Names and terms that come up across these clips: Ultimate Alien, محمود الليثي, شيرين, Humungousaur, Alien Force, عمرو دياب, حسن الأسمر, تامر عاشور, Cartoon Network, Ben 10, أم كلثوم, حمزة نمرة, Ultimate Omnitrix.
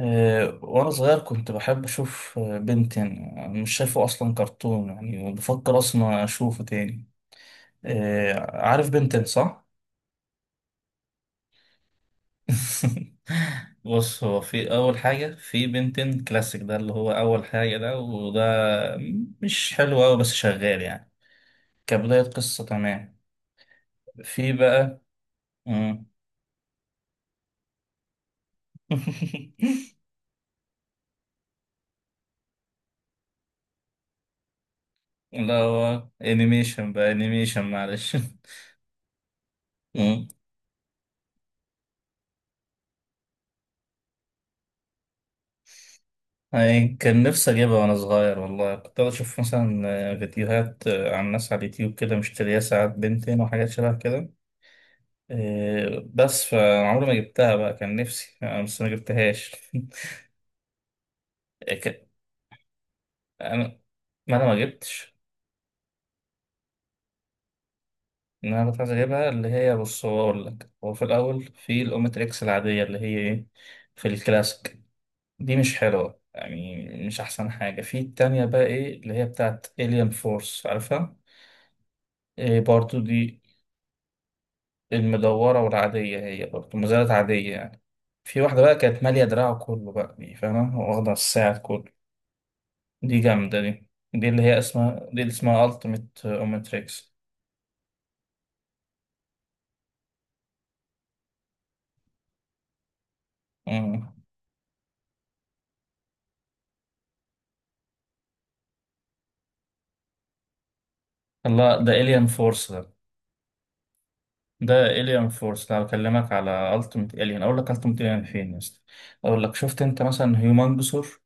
وأنا صغير كنت بحب أشوف بنتين. مش شايفه أصلا كرتون يعني، وبفكر أصلا أشوفه تاني. عارف بنتين صح؟ بص، هو في أول حاجة في بنتين كلاسيك، ده اللي هو أول حاجة، ده وده مش حلو أوي بس شغال يعني، كبداية قصة تمام. في بقى. مم. لا هو انيميشن بقى، انيميشن معلش. يعني كان نفسي أجيبها وأنا صغير والله، كنت أشوف مثلا فيديوهات عن ناس على اليوتيوب كده مشتريها ساعات بنتين وحاجات شبه كده. إيه، بس فعمري ما جبتها بقى، كان نفسي أنا بس ما جبتهاش. إيه، أنا، ما أنا ما جبتش. إن أنا كنت عايز أجيبها اللي هي، بص هو أقول لك، هو في الأول في الأومتريكس العادية اللي هي إيه، في الكلاسيك. دي مش حلوة يعني، مش أحسن حاجة. في التانية بقى إيه اللي هي بتاعت إليان فورس، عارفها؟ إيه برضو دي المدورة والعادية، هي برضه مزارات عادية يعني. في واحدة بقى كانت مالية دراعه كله بقى، دي فاهمة، واخدة الساعة كله. دي جامدة دي. دي اللي هي اسمها، دي اللي اسمها ألتيميت أوميتريكس. الله، ده إليان فورس ده. ده إليان فورس، ده بكلمك على ألتيميت إليان. أقول لك ألتيميت إليان فين يا اسطى. أقول لك، شفت أنت مثلا هيومانجسور؟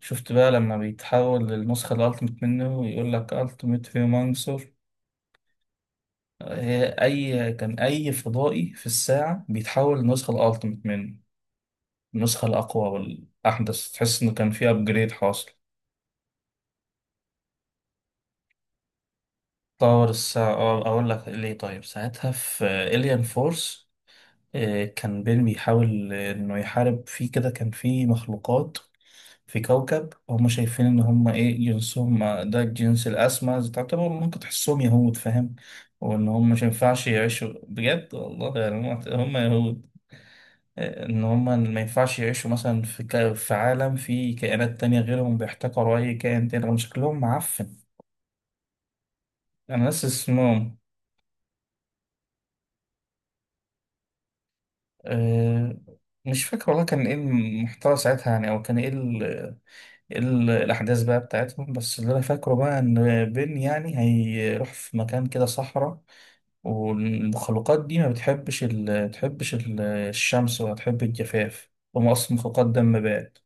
شفت بقى لما بيتحول للنسخة الألتيميت منه ويقول لك ألتيميت هيومانجسور. هي أي كان، أي فضائي في الساعة بيتحول للنسخة الألتيميت منه، النسخة الأقوى والأحدث، تحس إنه كان في أبجريد حاصل. طور الساعة، أه أقول لك ليه. طيب، ساعتها في إليان فورس كان بين بيحاول إنه يحارب فيه كده، كان في مخلوقات في كوكب هم شايفين إن هم إيه، جنسهم ده الجنس الأسمى، تعتبر ممكن تحسهم يهود فاهم. وإن هم مش ينفعش يعيشوا بجد والله، يعني هم يهود. ان هم ما ينفعش يعيشوا مثلا في عالم فيه كائنات تانية غيرهم، بيحتقروا اي كائن تاني رغم شكلهم معفن. انا ناسي اسمهم. أه... مش فاكر والله، كان ايه المحتوى ساعتها يعني، او كان ايه إيه الاحداث بقى بتاعتهم. بس اللي انا فاكره بقى ان بن يعني هيروح في مكان كده صحراء، والمخلوقات دي ما بتحبش الشمس ولا تحب الجفاف، هم اصلا مخلوقات دم بارد.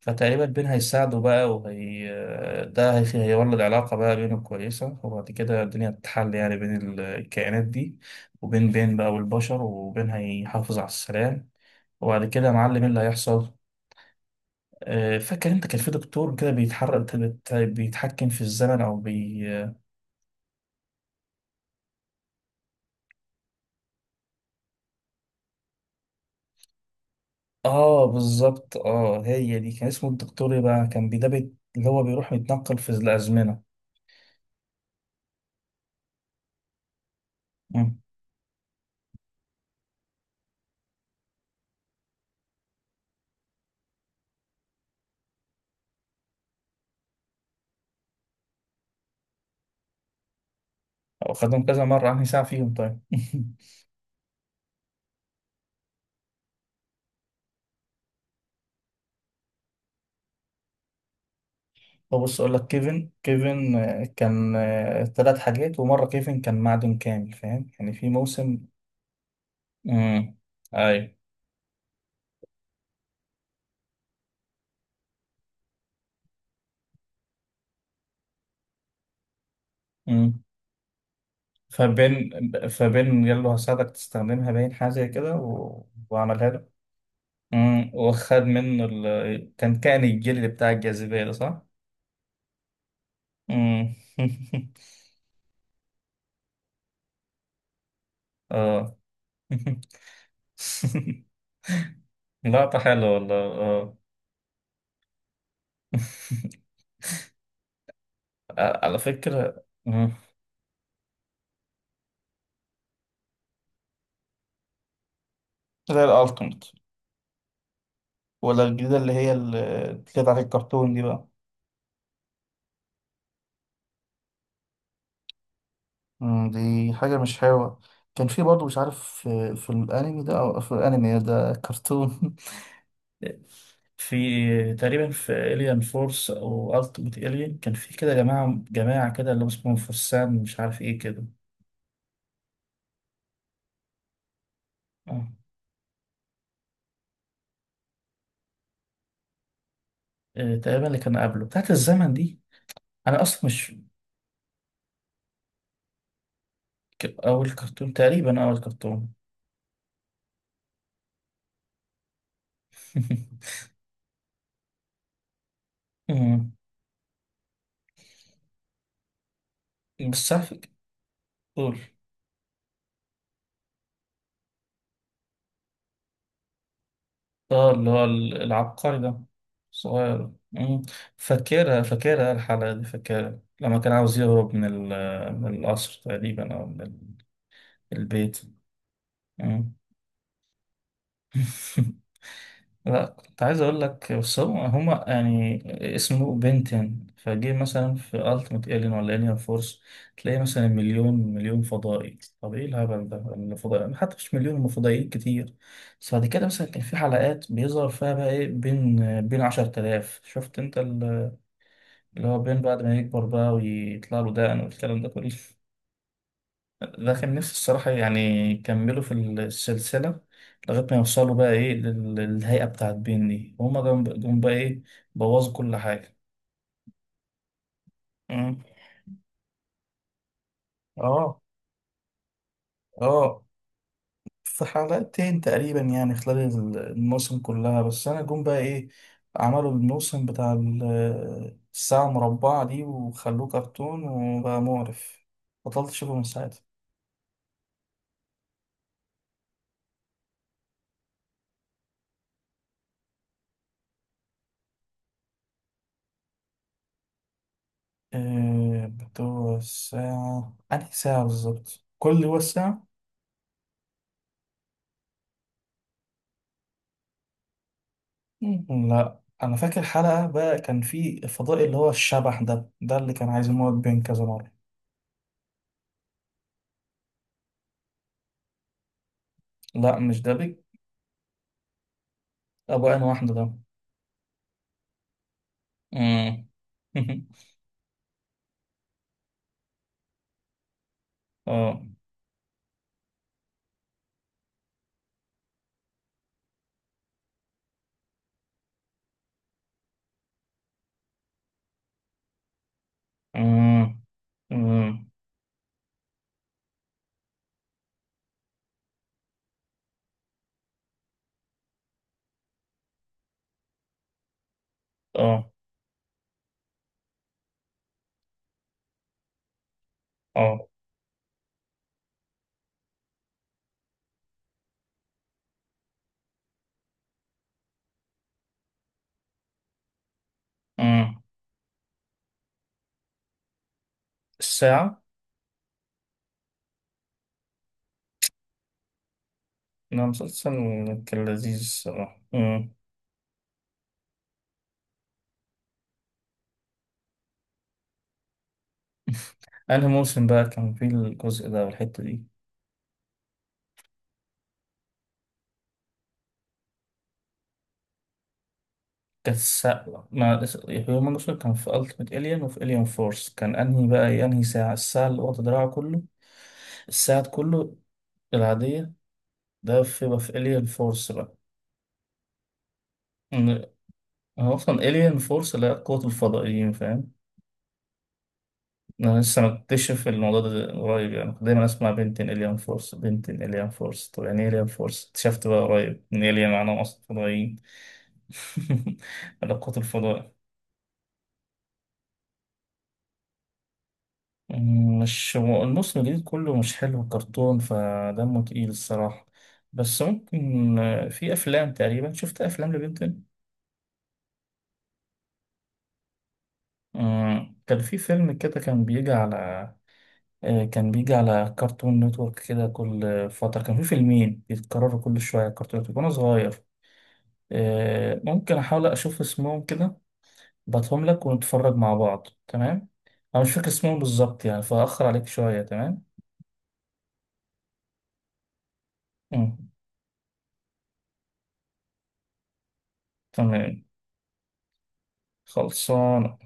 فتقريبا بين هيساعده بقى، وهي هيولد علاقة بقى بينه كويسة، وبعد كده الدنيا تتحل يعني بين الكائنات دي وبين بقى والبشر، وبين هيحافظ على السلام. وبعد كده يا معلم ايه اللي هيحصل. فاكر انت كان في دكتور كده بيتحرك بيتحكم في الزمن او بي. اه بالظبط، اه هي دي، كان اسمه الدكتور ايه بقى، كان بيدبت اللي هو بيروح يتنقل في الأزمنة. مم. أو خدهم كذا مرة، عني ساعة فيهم طيب. بص اقول لك، كيفن، كان ثلاث حاجات، ومره كيفن كان معدن كامل فاهم يعني في موسم. امم. اي. امم. فبين فبين قال له هساعدك تستخدمها، باين حاجه زي كده و... وعملها له. امم، وخد منه كان كائن الجلد بتاع الجاذبيه ده صح. امم. اه. لقطه حلوه والله اه. على فكره، مم. زي الالتيميت ولا الجديدة اللي هي اللي بتاعت الكرتون دي بقى؟ مم، دي حاجة مش حلوة. كان في برضه مش عارف، في الأنمي ده أو في الأنمي ده كرتون. في تقريبا في إليان فورس أو ألتيميت إليان، كان في كده جماعة كده اللي هم اسمهم فرسان، مش عارف إيه كده. آه. تقريبا اللي كان قبله بتاعت الزمن دي. أنا أصلا مش، أول كرتون تقريبا، أول كرتون. مم. بس عارف، قول. اه اللي هو العبقري ده، صغير. مم. فاكرها، فاكرها الحلقة دي، فاكرها لما كان عاوز يهرب من من القصر تقريبا أو من البيت. مم. لا كنت عايز اقول لك، بس هم هما يعني اسمه بنتين فجه. مثلا في التيمت الين ولا الين فورس تلاقي مثلا مليون فضائي، طب ايه الهبل ده الفضائي، حتى مش مليون، هم فضائيين كتير. بس بعد كده مثلا كان في حلقات بيظهر فيها بقى ايه، بين 10,000، شفت انت اللي هو بين بعد ما يكبر بقى ويطلع له دقن والكلام ده كله. ده كان نفسي الصراحة يعني يكملوا في السلسلة لغاية ما يوصلوا بقى إيه للهيئة بتاعت بين دي، وهما جم بقى إيه، بوظوا كل حاجة. مم. آه. آه. في حلقتين تقريبا يعني خلال الموسم كلها، بس أنا جم بقى إيه، عملوا الموسم بتاع الساعة المربعة دي، وخلوه كرتون وبقى مقرف، بطلت أشوفه من ساعتها. بتوع الساعة أنهي ساعة بالظبط؟ كل هو الساعة؟ مم. لا انا فاكر حلقة بقى، كان في الفضائي اللي هو الشبح ده، ده اللي كان عايز يموت بين كذا مرة. لا مش ده بيك، ابو عين واحدة ده. امم. اه. امم. امم. اه. اه. امم. الساعة. ده مسلسل كان لذيذ الصراحة، امم. انهي موسم بقى كان فيه الجزء ده والحتة دي؟ كانت الساعة، ما هيومن جوسل كان في ألتيميت إليان، وفي إليان فورس كان أنهي بقى، أنهي ساعة؟ الساعة اللي واخدة دراعه كله الساعة كله؟ العادية. ده في بقى في إليان فورس بقى. إن- هو أصلا إليان فورس اللي هي قوة الفضائيين فاهم. أنا لسه مكتشف الموضوع ده قريب يعني، كنت دايما أسمع بنتين إليان فورس بنتين إليان فورس، طب يعني إيه إليان فورس؟ اكتشفت بقى قريب إن إليان معناهم أصلا فضائيين. ولا قوة الفضاء. مم، مش هو الموسم الجديد كله مش حلو كرتون، فدمه تقيل الصراحة. بس ممكن في أفلام تقريبا، شفت أفلام لبنتين. مم، كان في فيلم كده كان بيجي على كان بيجي على كرتون نتورك كده كل فترة، كان في فيلمين بيتكرروا كل شوية كرتون نتورك وأنا صغير. ممكن أحاول أشوف اسمهم كده، بعتهم لك ونتفرج مع بعض تمام. أنا مش فاكر اسمهم بالظبط يعني، فأخر عليك شوية تمام. مم، تمام، خلصان.